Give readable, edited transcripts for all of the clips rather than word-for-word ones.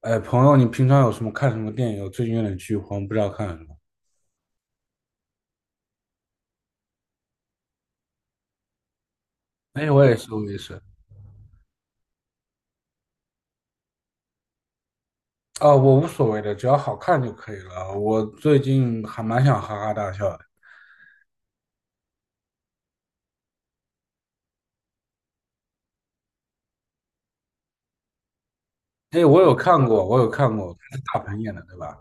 哎，朋友，你平常有什么看什么电影？我最近有点剧荒，不知道看什么。哎，我也是，我也是。我无所谓的，只要好看就可以了。我最近还蛮想哈哈大笑的。哎，我有看过，我有看过，是大鹏演的，对吧？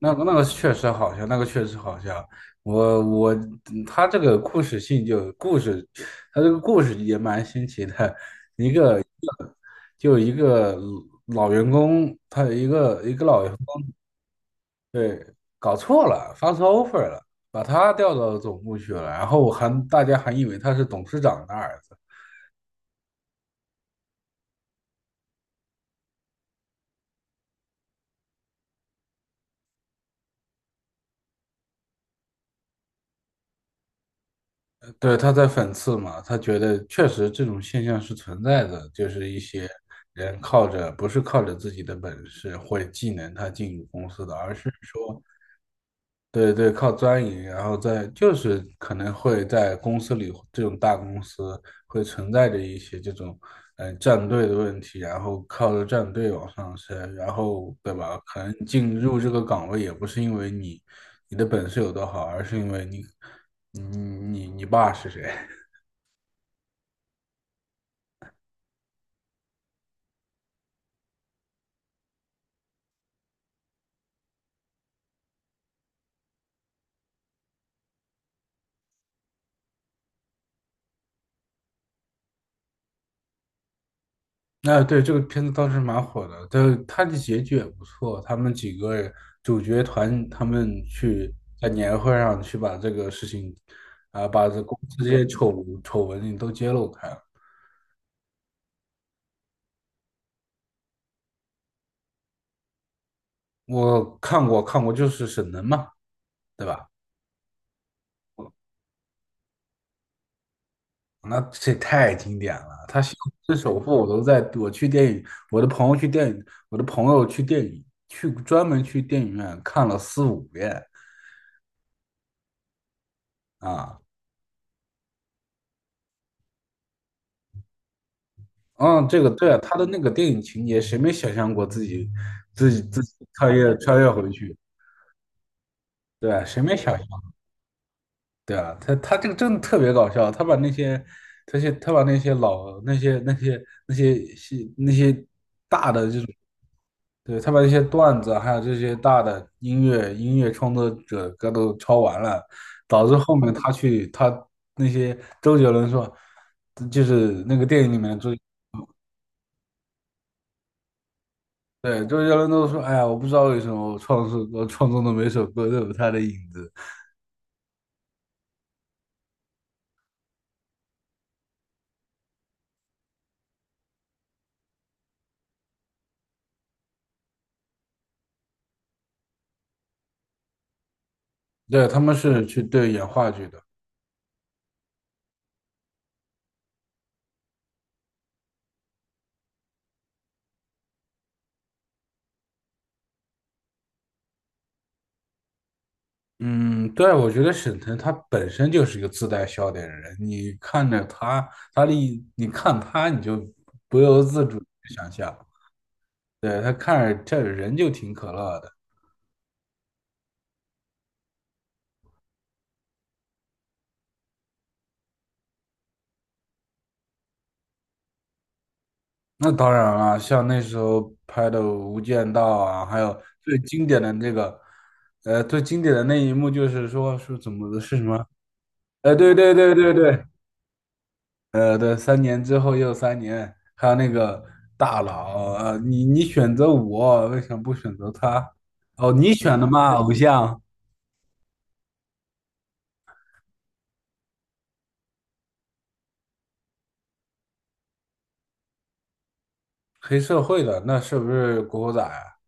那个确实好笑，那个确实好笑。我我他这个故事，他这个故事也蛮新奇的。一个一个老员工，他有一个老员。对，搞错了，发错 offer 了，把他调到总部去了，然后大家还以为他是董事长的儿子。对，他在讽刺嘛，他觉得确实这种现象是存在的，就是一些人不是靠着自己的本事或者技能他进入公司的，而是说对，靠钻营，然后在就是可能会在公司里这种大公司会存在着一些这种战队的问题，然后靠着战队往上升，然后对吧？可能进入这个岗位也不是因为你的本事有多好，而是因为你你爸是谁。那对这个片子当时蛮火的，但它的结局也不错。他们几个主角团，他们去在年会上去把这个事情，把这公司这些丑闻都揭露开了。我看过，看过，就是沈腾嘛，对吧？那这太经典了，他《西虹市首富》，我都在，我去电影，我的朋友去电影，去专门去电影院看了四五遍啊。嗯，这个对啊，他的那个电影情节，谁没想象过自己穿越回去？对啊，谁没想象？对啊，他这个真的特别搞笑，他把那些他些他把那些那些大的这种。对，他把那些段子还有这些大的音乐创作者歌都抄完了，导致后面他去他那些周杰伦说，就是那个电影里面的周。对，周杰伦都说，哎呀，我不知道为什么我创作的每首歌都有他的影子。对，他们是去对演话剧的。嗯，对，我觉得沈腾他本身就是一个自带笑点的人，你看着他，他的一你看他，你就不由自主地想象。对，他看着这人就挺可乐的。那当然了，像那时候拍的《无间道》啊，还有最经典的那个，最经典的那一幕就是说是怎么的，是什么？哎，对对对对对。对，三年之后又三年，还有那个大佬，啊，你选择我，为什么不选择他？哦，你选的嘛，偶像。黑社会的，那是不是古惑仔啊？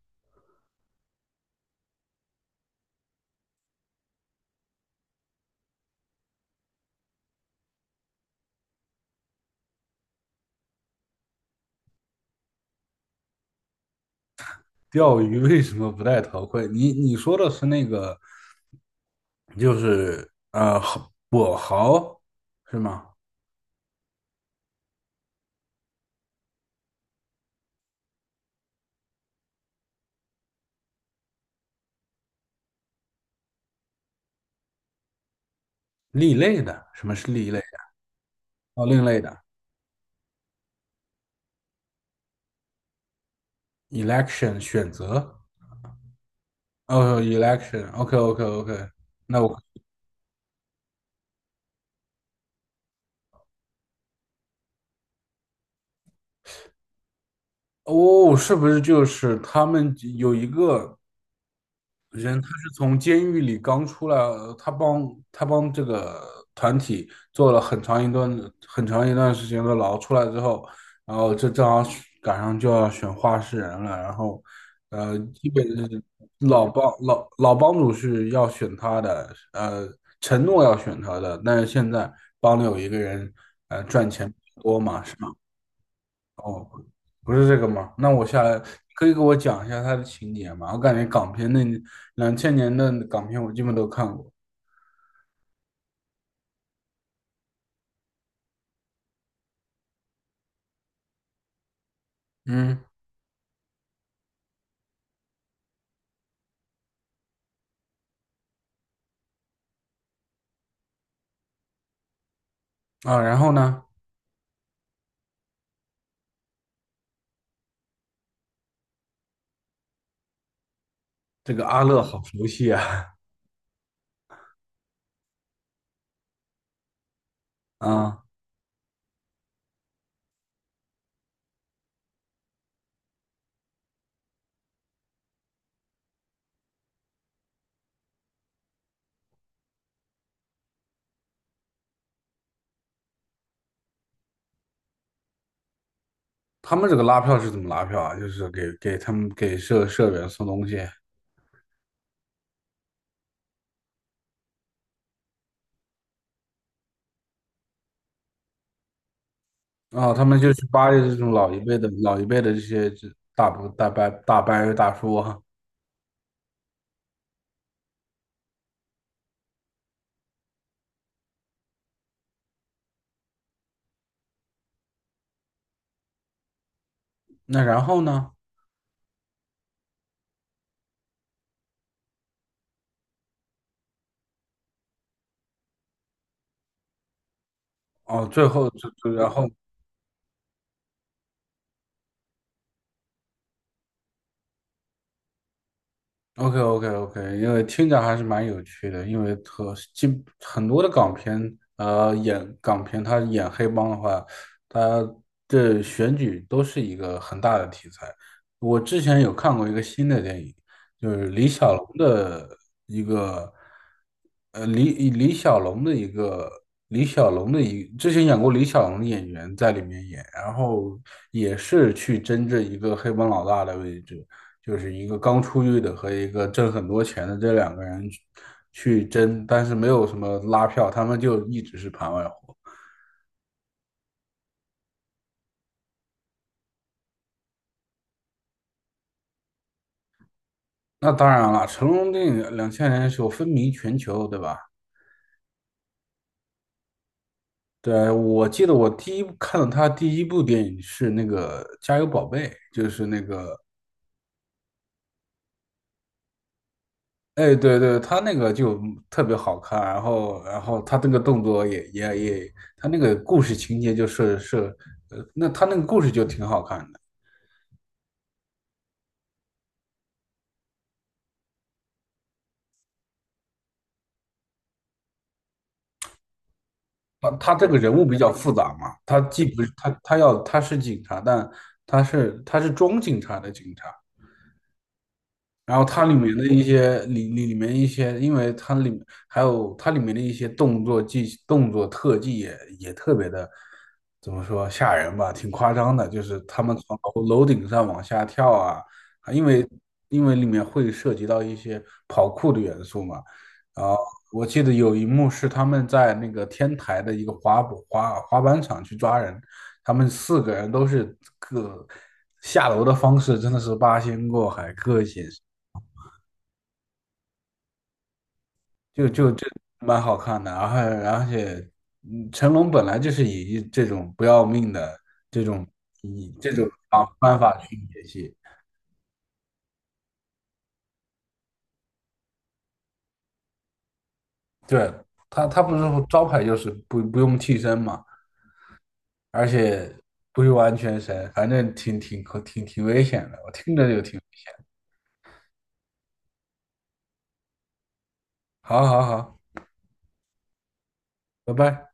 钓鱼为什么不戴头盔？你说的是那个，就是呃，跛豪是吗？另类的，什么是另类的？哦，另类的，election 选择。哦，election，OK OK OK，那我。哦，是不是就是他们有一个人他是从监狱里刚出来，呃他帮这个团体做了很长一段时间的牢，出来之后，然后这正好赶上就要选话事人了，然后，呃，基本是老帮主是要选他的，呃，承诺要选他的，但是现在帮里有一个人，呃，赚钱比较多嘛，是吧？哦，不是这个吗？那我下来可以给我讲一下它的情节吗？我感觉港片那两千年的港片我基本都看过。嗯啊，然后呢，这个阿乐好熟悉啊。啊，他们这个拉票是怎么拉票啊？就是给他们给社员送东西，然后他们就去巴结这种老一辈的这些大伯大叔啊。那然后呢？哦，最后就就然后 OK OK OK，因为听着还是蛮有趣的，因为和基很多的港片，呃，演港片，他演黑帮的话，他的选举都是一个很大的题材。我之前有看过一个新的电影，就是李小龙的一个，呃，李小龙的一个李小龙的一之前演过李小龙的演员在里面演，然后也是去争这一个黑帮老大的位置。就是一个刚出狱的和一个挣很多钱的这两个人去争，但是没有什么拉票，他们就一直是盘外活。那当然了，成龙电影两千年的时候风靡全球，对吧？对啊，我记得我第一看到他第一部电影是那个《加油宝贝》，就是那个，哎，对对，他那个就特别好看，然后他那个动作也，他那个故事情节就是是，呃，那他那个故事就挺好看的。他这个人物比较复杂嘛，他既不是他他要他是警察，但他是装警察的警察，然后它里面的一些里面一些，因为它里面还有它里面的一些动作特技也特别的，怎么说吓人吧，挺夸张的，就是他们从楼顶上往下跳啊，啊因为因为里面会涉及到一些跑酷的元素嘛，然后我记得有一幕是他们在那个天台的一个滑步滑滑板场去抓人，他们四个人都是下楼的方式真的是八仙过海，各显就就这蛮好看的，然后而且，嗯，成龙本来就是以这种不要命的这种以这种方法去演戏。对，他他不是招牌就是不用替身嘛，而且不用安全绳，反正挺危险的，我听着就挺好。好好，拜拜。